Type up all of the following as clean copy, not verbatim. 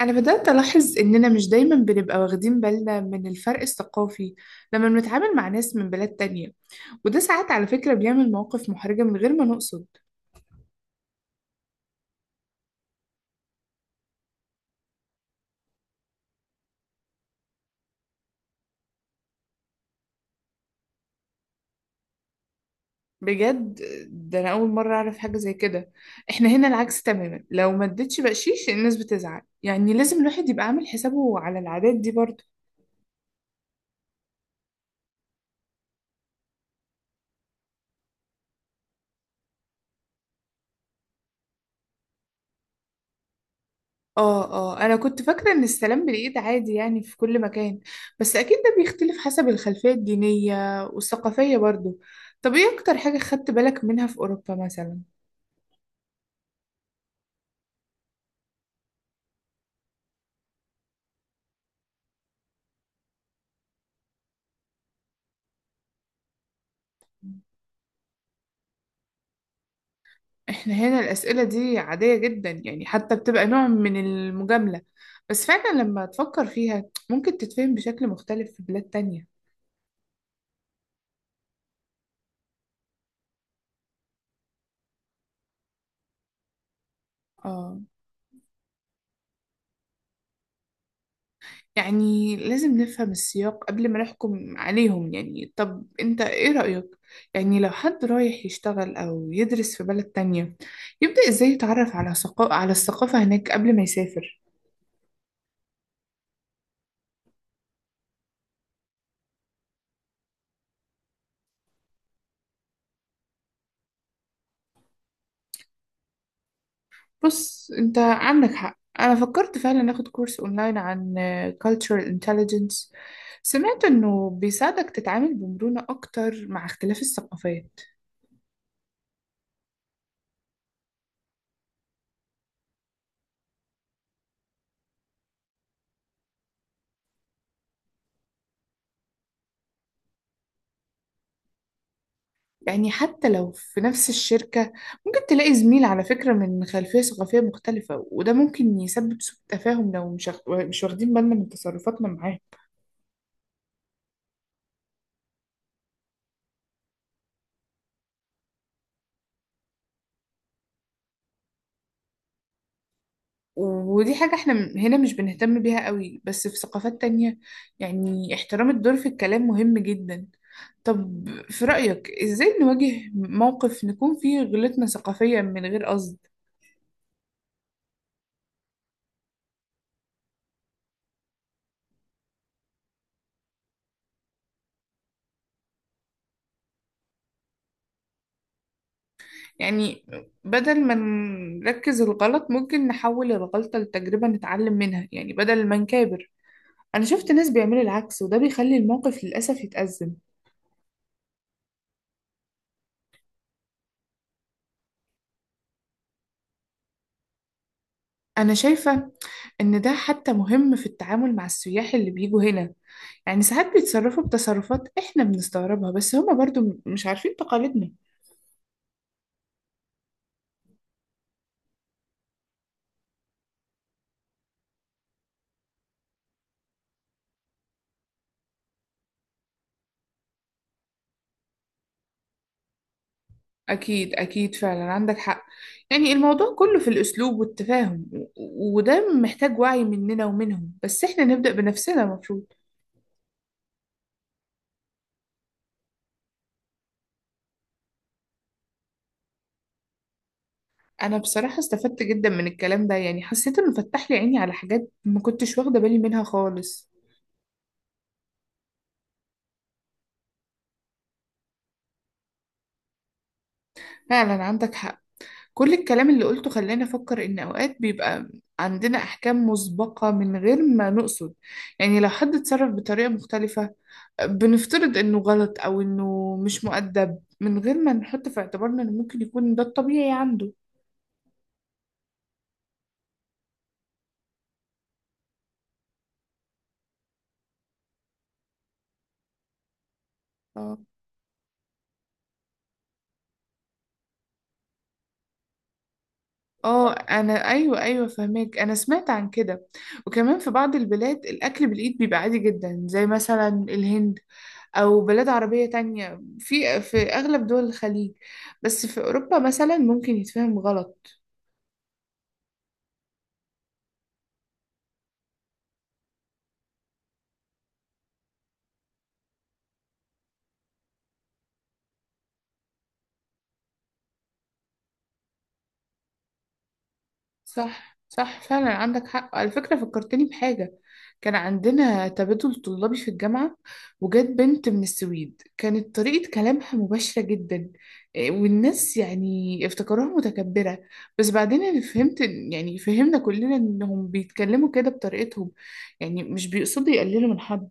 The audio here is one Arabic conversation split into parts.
أنا بدأت ألاحظ إننا مش دايما بنبقى واخدين بالنا من الفرق الثقافي لما بنتعامل مع ناس من بلاد تانية، وده ساعات على فكرة بيعمل مواقف محرجة من غير ما نقصد. بجد؟ ده أنا أول مرة أعرف حاجة زي كده. إحنا هنا العكس تماما، لو ما اديتش بقشيش الناس بتزعل، يعني لازم الواحد يبقى عامل حسابه على العادات دي برضه. اه انا كنت فاكره ان السلام بالايد عادي يعني في كل مكان، بس اكيد ده بيختلف حسب الخلفيه الدينيه والثقافيه برضو. طب ايه اكتر حاجه خدت بالك منها في اوروبا مثلا؟ احنا هنا الاسئله دي عاديه جدا، يعني حتى بتبقى نوع من المجامله، بس فعلا لما تفكر فيها ممكن تتفهم بشكل مختلف في بلاد تانية. اه. يعني لازم نفهم السياق قبل ما نحكم عليهم. يعني طب انت ايه رأيك؟ يعني لو حد رايح يشتغل او يدرس في بلد تانية يبدأ ازاي يتعرف على على الثقافة هناك قبل ما يسافر؟ بص، انت عندك حق، انا فكرت فعلا اخد كورس اونلاين عن cultural intelligence. سمعت انه بيساعدك تتعامل بمرونة اكتر مع اختلاف الثقافات. يعني حتى لو في نفس الشركة ممكن تلاقي زميل على فكرة من خلفية ثقافية مختلفة، وده ممكن يسبب سوء تفاهم لو مش واخدين بالنا من تصرفاتنا معاه. ودي حاجة احنا هنا مش بنهتم بيها قوي، بس في ثقافات تانية يعني احترام الدور في الكلام مهم جدا. طب في رأيك ازاي نواجه موقف نكون فيه غلطنا ثقافيا من غير قصد؟ يعني بدل ما نركز الغلط ممكن نحول الغلطة لتجربة نتعلم منها، يعني بدل ما نكابر. أنا شفت ناس بيعملوا العكس وده بيخلي الموقف للأسف يتأزم. أنا شايفة إن ده حتى مهم في التعامل مع السياح اللي بيجوا هنا، يعني ساعات بيتصرفوا بتصرفات إحنا بنستغربها، بس هما برضو مش عارفين تقاليدنا. أكيد أكيد، فعلا عندك حق. يعني الموضوع كله في الأسلوب والتفاهم وده محتاج وعي مننا ومنهم، بس إحنا نبدأ بنفسنا المفروض. أنا بصراحة استفدت جدا من الكلام ده، يعني حسيت إنه فتح لي عيني على حاجات ما كنتش واخدة بالي منها خالص. فعلا عندك حق، كل الكلام اللي قلته خلاني أفكر إن أوقات بيبقى عندنا أحكام مسبقة من غير ما نقصد. يعني لو حد اتصرف بطريقة مختلفة بنفترض إنه غلط أو إنه مش مؤدب، من غير ما نحط في اعتبارنا إن ممكن يكون ده الطبيعي عنده. اه. آه أنا أيوة أيوة فهماك، أنا سمعت عن كده. وكمان في بعض البلاد الأكل بالإيد بيبقى عادي جدا، زي مثلا الهند او بلاد عربية تانية في اغلب دول الخليج، بس في اوروبا مثلا ممكن يتفهم غلط. صح صح فعلا عندك حق. على فكرة فكرتني بحاجة، كان عندنا تبادل طلابي في الجامعة وجات بنت من السويد كانت طريقة كلامها مباشرة جدا، إيه، والناس يعني افتكروها متكبرة، بس بعدين أنا فهمت يعني فهمنا كلنا إنهم بيتكلموا كده بطريقتهم، يعني مش بيقصدوا يقللوا من حد.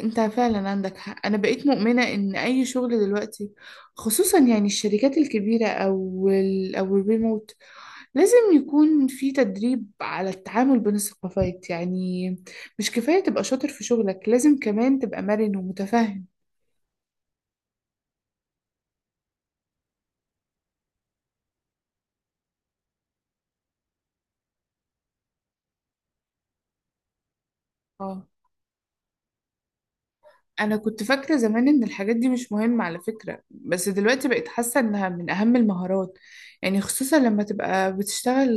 أنت فعلا عندك حق، أنا بقيت مؤمنة إن أي شغل دلوقتي، خصوصا يعني الشركات الكبيرة أو ال أو الريموت، لازم يكون في تدريب على التعامل بين الثقافات، يعني مش كفاية تبقى شاطر في شغلك، لازم كمان تبقى مرن ومتفهم. اه. أنا كنت فاكرة زمان إن الحاجات دي مش مهمة على فكرة، بس دلوقتي بقيت حاسة إنها من أهم المهارات، يعني خصوصا لما تبقى بتشتغل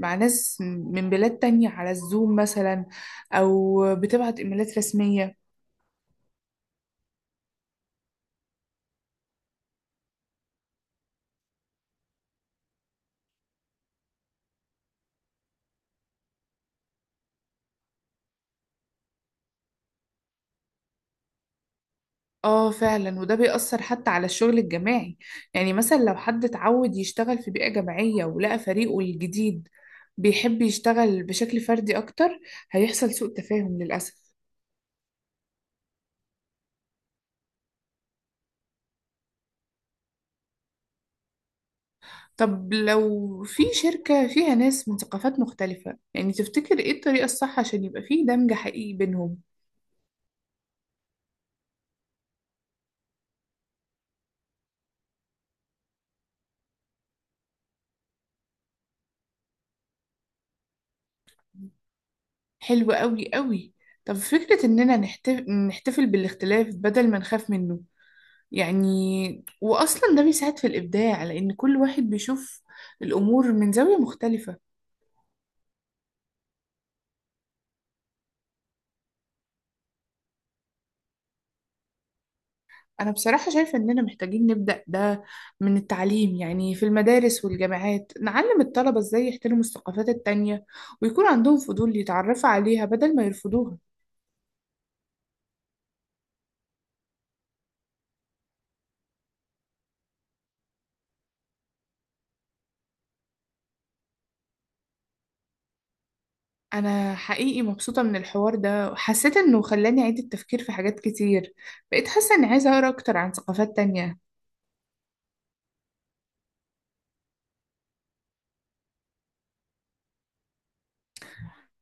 مع ناس من بلاد تانية على الزوم مثلا، أو بتبعت إيميلات رسمية. اه فعلا، وده بيأثر حتى على الشغل الجماعي، يعني مثلا لو حد اتعود يشتغل في بيئة جماعية ولقى فريقه الجديد بيحب يشتغل بشكل فردي أكتر، هيحصل سوء تفاهم للأسف. طب لو في شركة فيها ناس من ثقافات مختلفة، يعني تفتكر ايه الطريقة الصح عشان يبقى فيه دمج حقيقي بينهم؟ حلو قوي قوي. طب فكرة إننا نحتفل بالاختلاف بدل ما نخاف منه، يعني واصلا ده بيساعد في الابداع، لان كل واحد بيشوف الامور من زاويه مختلفه. انا بصراحه شايفه اننا محتاجين نبدا ده من التعليم، يعني في المدارس والجامعات نعلم الطلبه ازاي يحترموا الثقافات التانية ويكون عندهم فضول يتعرفوا عليها بدل ما يرفضوها. انا حقيقي مبسوطه من الحوار ده، وحسيت انه خلاني اعيد التفكير في حاجات كتير، بقيت حاسه اني عايزه اقرا اكتر عن ثقافات تانية.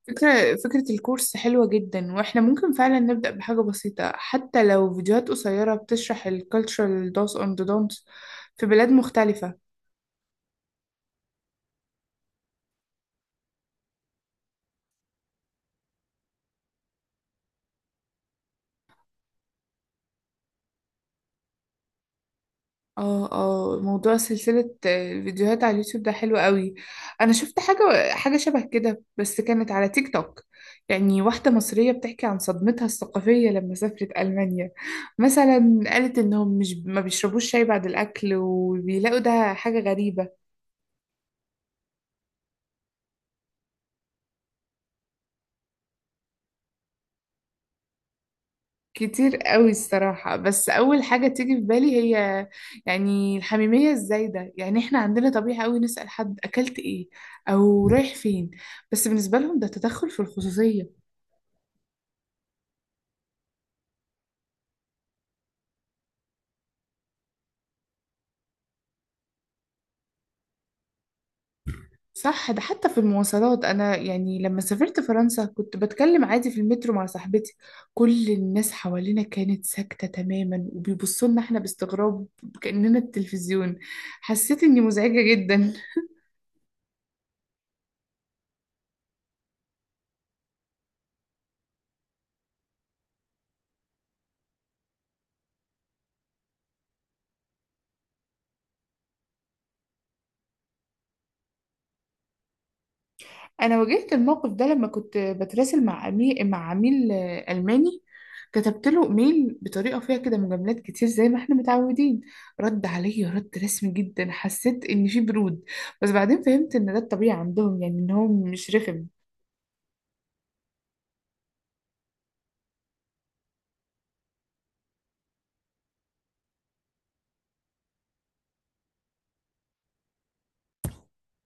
فكرة الكورس حلوة جدا، واحنا ممكن فعلا نبدأ بحاجة بسيطة حتى لو فيديوهات قصيرة بتشرح ال cultural do's and the don'ts في بلاد مختلفة. اه موضوع سلسلة الفيديوهات على اليوتيوب ده حلو قوي. انا شفت حاجة شبه كده بس كانت على تيك توك، يعني واحدة مصرية بتحكي عن صدمتها الثقافية لما سافرت ألمانيا، مثلا قالت إنهم مش ما بيشربوش شاي بعد الأكل وبيلاقوا ده حاجة غريبة. كتير قوي الصراحة، بس أول حاجة تيجي في بالي هي يعني الحميمية الزايدة، يعني إحنا عندنا طبيعة قوي نسأل حد أكلت إيه أو رايح فين، بس بالنسبة لهم ده تدخل في الخصوصية. صح، ده حتى في المواصلات، أنا يعني لما سافرت فرنسا كنت بتكلم عادي في المترو مع صاحبتي، كل الناس حوالينا كانت ساكتة تماما وبيبصوا لنا إحنا باستغراب، كأننا التلفزيون، حسيت إني مزعجة جدا. انا واجهت الموقف ده لما كنت بتراسل مع عميل مع عميل الماني، كتبت له ايميل بطريقه فيها كده مجاملات كتير زي ما احنا متعودين، رد عليا رد رسمي جدا، حسيت ان في برود، بس بعدين فهمت ان ده الطبيعي عندهم، يعني ان هو مش رخم.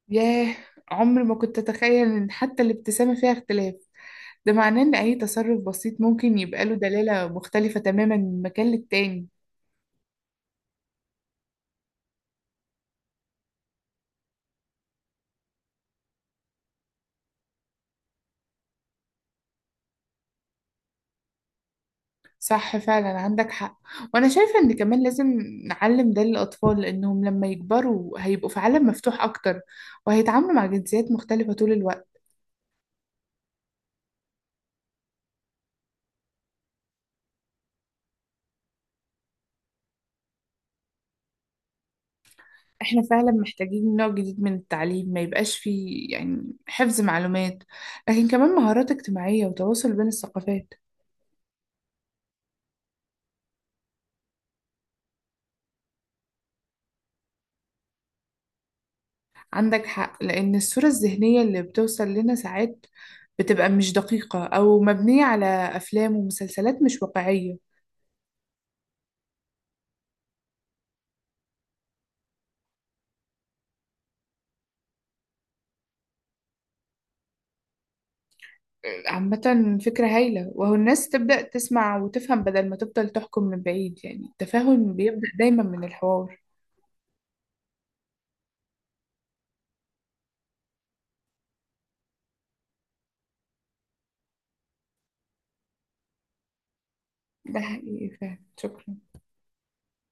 ياه، عمري ما كنت اتخيل ان حتى الابتسامه فيها اختلاف، ده معناه ان اي تصرف بسيط ممكن يبقى له دلاله مختلفه تماما من مكان للتاني. صح فعلا عندك حق، وانا شايفة ان كمان لازم نعلم ده للاطفال، لانهم لما يكبروا هيبقوا في عالم مفتوح اكتر وهيتعاملوا مع جنسيات مختلفة طول الوقت. احنا فعلا محتاجين نوع جديد من التعليم ما يبقاش فيه يعني حفظ معلومات، لكن كمان مهارات اجتماعية وتواصل بين الثقافات. عندك حق، لان الصورة الذهنية اللي بتوصل لنا ساعات بتبقى مش دقيقة او مبنية على افلام ومسلسلات مش واقعية. عامة فكرة هايلة، وهو الناس تبدأ تسمع وتفهم بدل ما تفضل تحكم من بعيد، يعني التفاهم بيبدأ دايما من الحوار. ده حقيقي، فعلا شكرا.